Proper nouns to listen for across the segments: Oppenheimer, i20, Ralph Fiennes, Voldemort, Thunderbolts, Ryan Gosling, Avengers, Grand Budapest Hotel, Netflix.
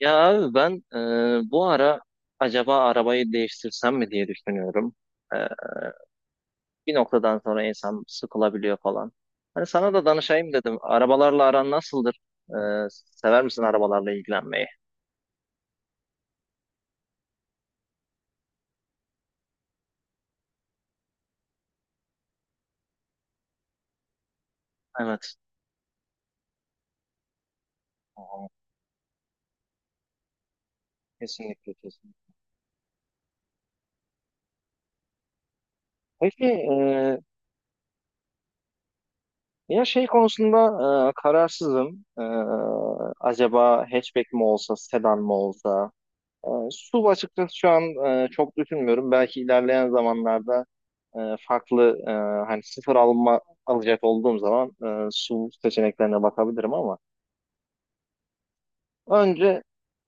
Ya abi ben bu ara acaba arabayı değiştirsem mi diye düşünüyorum. E, Bir noktadan sonra insan sıkılabiliyor falan. Hani sana da danışayım dedim. Arabalarla aran nasıldır? E, Sever misin arabalarla ilgilenmeyi? Evet. Aha. Kesinlikle, kesinlikle. Peki, ya şey konusunda kararsızım. Acaba hatchback mi olsa, sedan mı olsa? Su açıkçası şu an çok düşünmüyorum. Belki ilerleyen zamanlarda e, farklı hani sıfır alma alacak olduğum zaman su seçeneklerine bakabilirim ama önce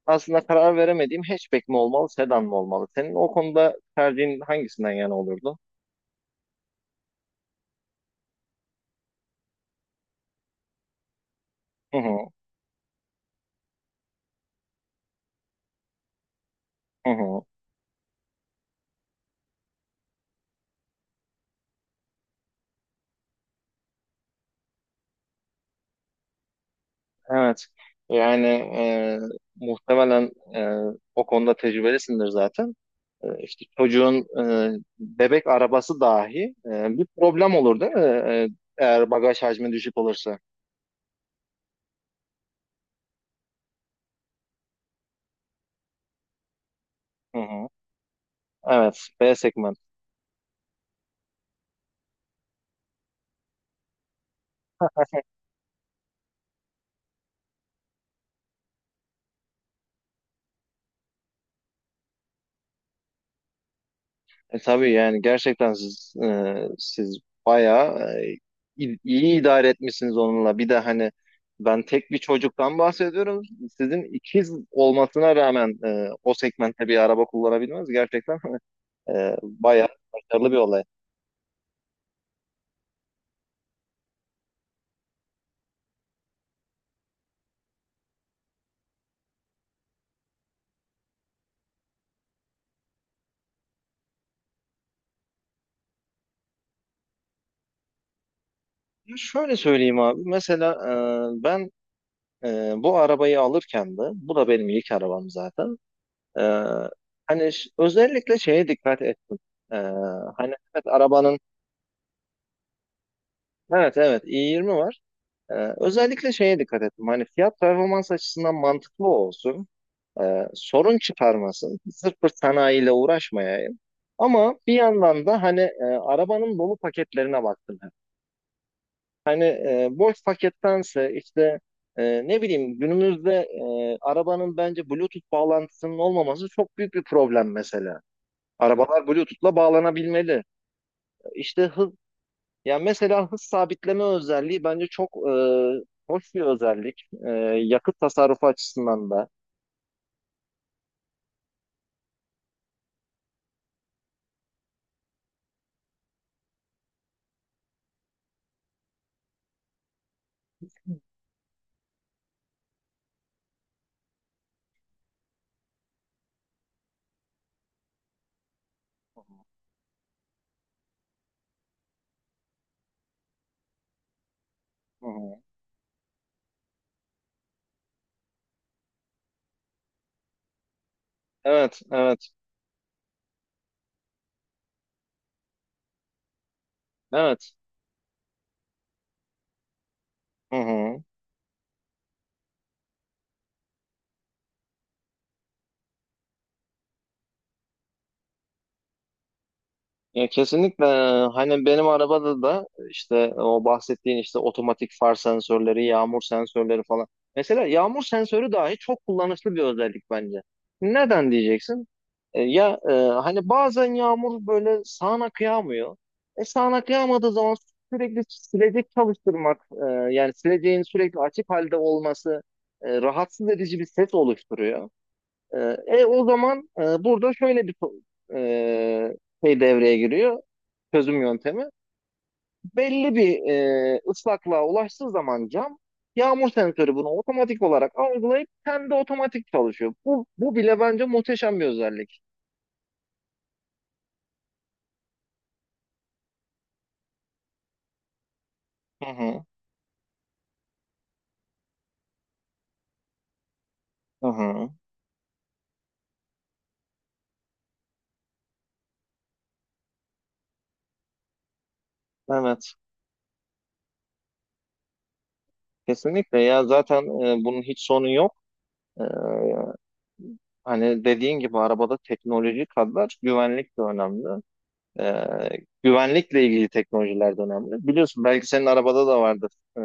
aslında karar veremediğim hatchback mi olmalı, sedan mı olmalı? Senin o konuda tercihin hangisinden yana olurdu? Hı hı, hı hı. Evet. Yani e, muhtemelen o konuda tecrübelisindir zaten. İşte çocuğun bebek arabası dahi bir problem olur değil mi? Eğer bagaj hacmi düşük olursa. Hı hı. Evet, B segment. Tabii, yani gerçekten siz siz bayağı iyi idare etmişsiniz onunla. Bir de hani ben tek bir çocuktan bahsediyorum. Sizin ikiz olmasına rağmen o segmentte bir araba kullanabilmeniz gerçekten bayağı başarılı bir olay. Şöyle söyleyeyim abi. Mesela ben bu arabayı alırken de, bu da benim ilk arabam zaten. Ee, Hani özellikle şeye dikkat ettim. Ee, Hani evet arabanın, evet, i20 var. Özellikle şeye dikkat ettim. Hani fiyat performans açısından mantıklı olsun. Sorun çıkarmasın. Sırf bir sanayiyle uğraşmayayım. Ama bir yandan da hani arabanın dolu paketlerine baktım. Hani boş pakettense işte ne bileyim günümüzde arabanın bence Bluetooth bağlantısının olmaması çok büyük bir problem mesela. Arabalar Bluetooth'la bağlanabilmeli. İşte hız, ya mesela hız sabitleme özelliği bence çok hoş bir özellik. Yakıt tasarrufu açısından da. Hı hı. Evet, evet, evet. Hı hı. Ya kesinlikle hani benim arabada da işte o bahsettiğin işte otomatik far sensörleri, yağmur sensörleri falan. Mesela yağmur sensörü dahi çok kullanışlı bir özellik bence. Neden diyeceksin? Hani bazen yağmur böyle sağanak kıyamıyor, E sağanak yağmadığı zaman sürekli silecek çalıştırmak, yani sileceğin sürekli açık halde olması rahatsız edici bir ses oluşturuyor. E, burada şöyle bir e, şey devreye giriyor, çözüm yöntemi. Belli bir ıslaklığa ulaştığı zaman cam yağmur sensörü bunu otomatik olarak algılayıp kendi otomatik çalışıyor. Bu bile bence muhteşem bir özellik. Hı hı. Hı hı. Evet. Kesinlikle, ya zaten bunun hiç sonu yok. E, Hani dediğin gibi arabada teknoloji kadar güvenlik de önemli. E, Güvenlikle ilgili teknolojiler de önemli. Biliyorsun belki senin arabada da vardır. E,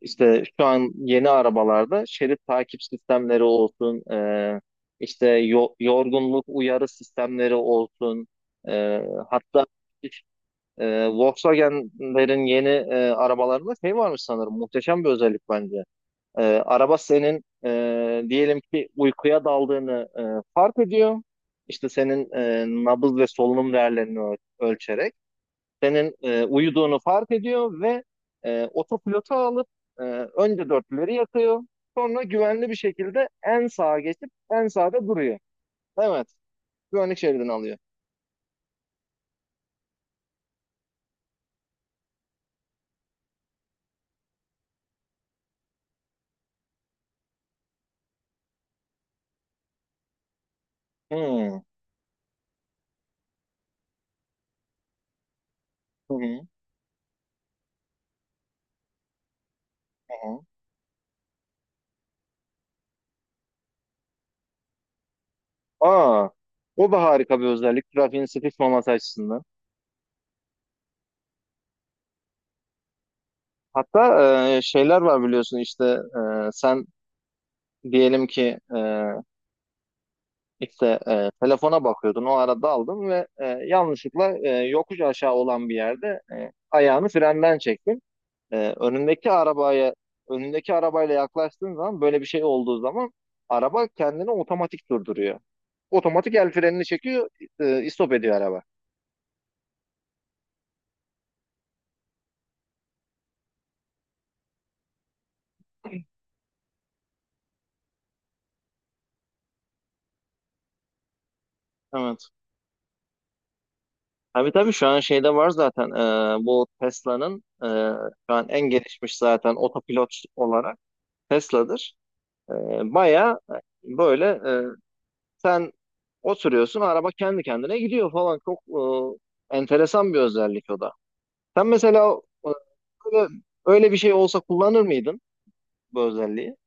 İşte şu an yeni arabalarda şerit takip sistemleri olsun, işte yorgunluk uyarı sistemleri olsun, e, hatta Volkswagen'lerin yeni arabalarında şey varmış sanırım, muhteşem bir özellik bence. Araba senin diyelim ki uykuya daldığını fark ediyor. İşte senin nabız ve solunum değerlerini ölçerek senin uyuduğunu fark ediyor ve otopilota alıp e, önce dörtlüleri yakıyor. Sonra güvenli bir şekilde en sağa geçip en sağda duruyor. Evet. Güvenlik şeridini alıyor. Hmm. Hı hı. Hı hı. Aa, o da harika bir özellik. Trafiğin sıkışmaması açısından. Hatta şeyler var biliyorsun işte sen diyelim ki işte telefona bakıyordun o arada aldın ve yanlışlıkla yokuş aşağı olan bir yerde ayağını frenden çektin. Ee, önündeki arabayla yaklaştığın zaman böyle bir şey olduğu zaman araba kendini otomatik durduruyor. Otomatik el frenini çekiyor, istop ediyor araba. Evet. Tabii, tabii şu an şeyde var zaten, bu Tesla'nın şu an en gelişmiş zaten otopilot olarak Tesla'dır. E, Baya böyle sen oturuyorsun, araba kendi kendine gidiyor falan, çok enteresan bir özellik o da. Sen mesela böyle, öyle bir şey olsa kullanır mıydın bu özelliği?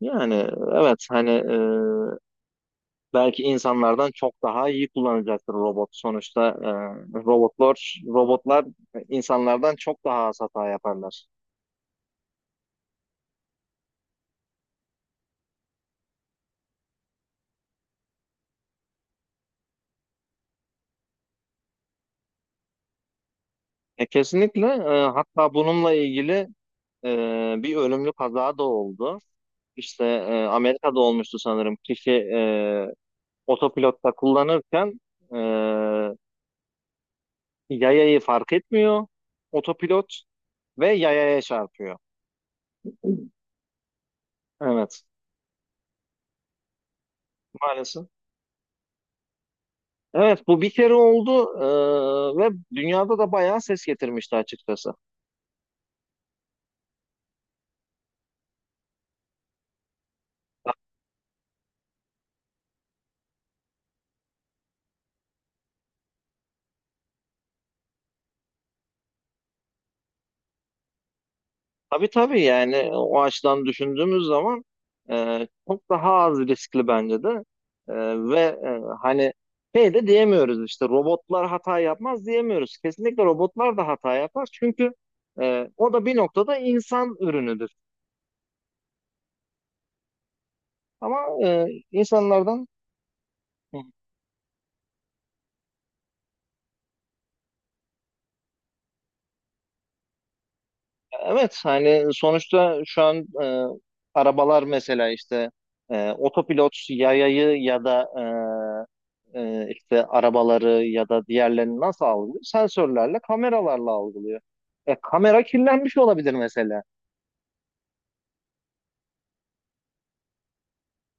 Yani evet, hani belki insanlardan çok daha iyi kullanacaktır robot. Sonuçta robotlar insanlardan çok daha az hata yaparlar. Kesinlikle, hatta bununla ilgili bir ölümlü kaza da oldu. İşte Amerika'da olmuştu sanırım. Kişi otopilotta kullanırken e, yayayı fark etmiyor otopilot ve yayaya çarpıyor. Evet, maalesef. Evet, bu bir kere oldu ve dünyada da bayağı ses getirmişti açıkçası. Tabii, tabii yani o açıdan düşündüğümüz zaman çok daha az riskli bence de. E, Ve hani şey de diyemiyoruz, işte robotlar hata yapmaz diyemiyoruz. Kesinlikle robotlar da hata yapar, çünkü o da bir noktada insan ürünüdür. Ama insanlardan Evet, hani sonuçta şu an e, arabalar mesela işte otopilot yayayı ya da işte arabaları ya da diğerlerini nasıl algılıyor? Sensörlerle, kameralarla algılıyor. Kamera kirlenmiş olabilir mesela.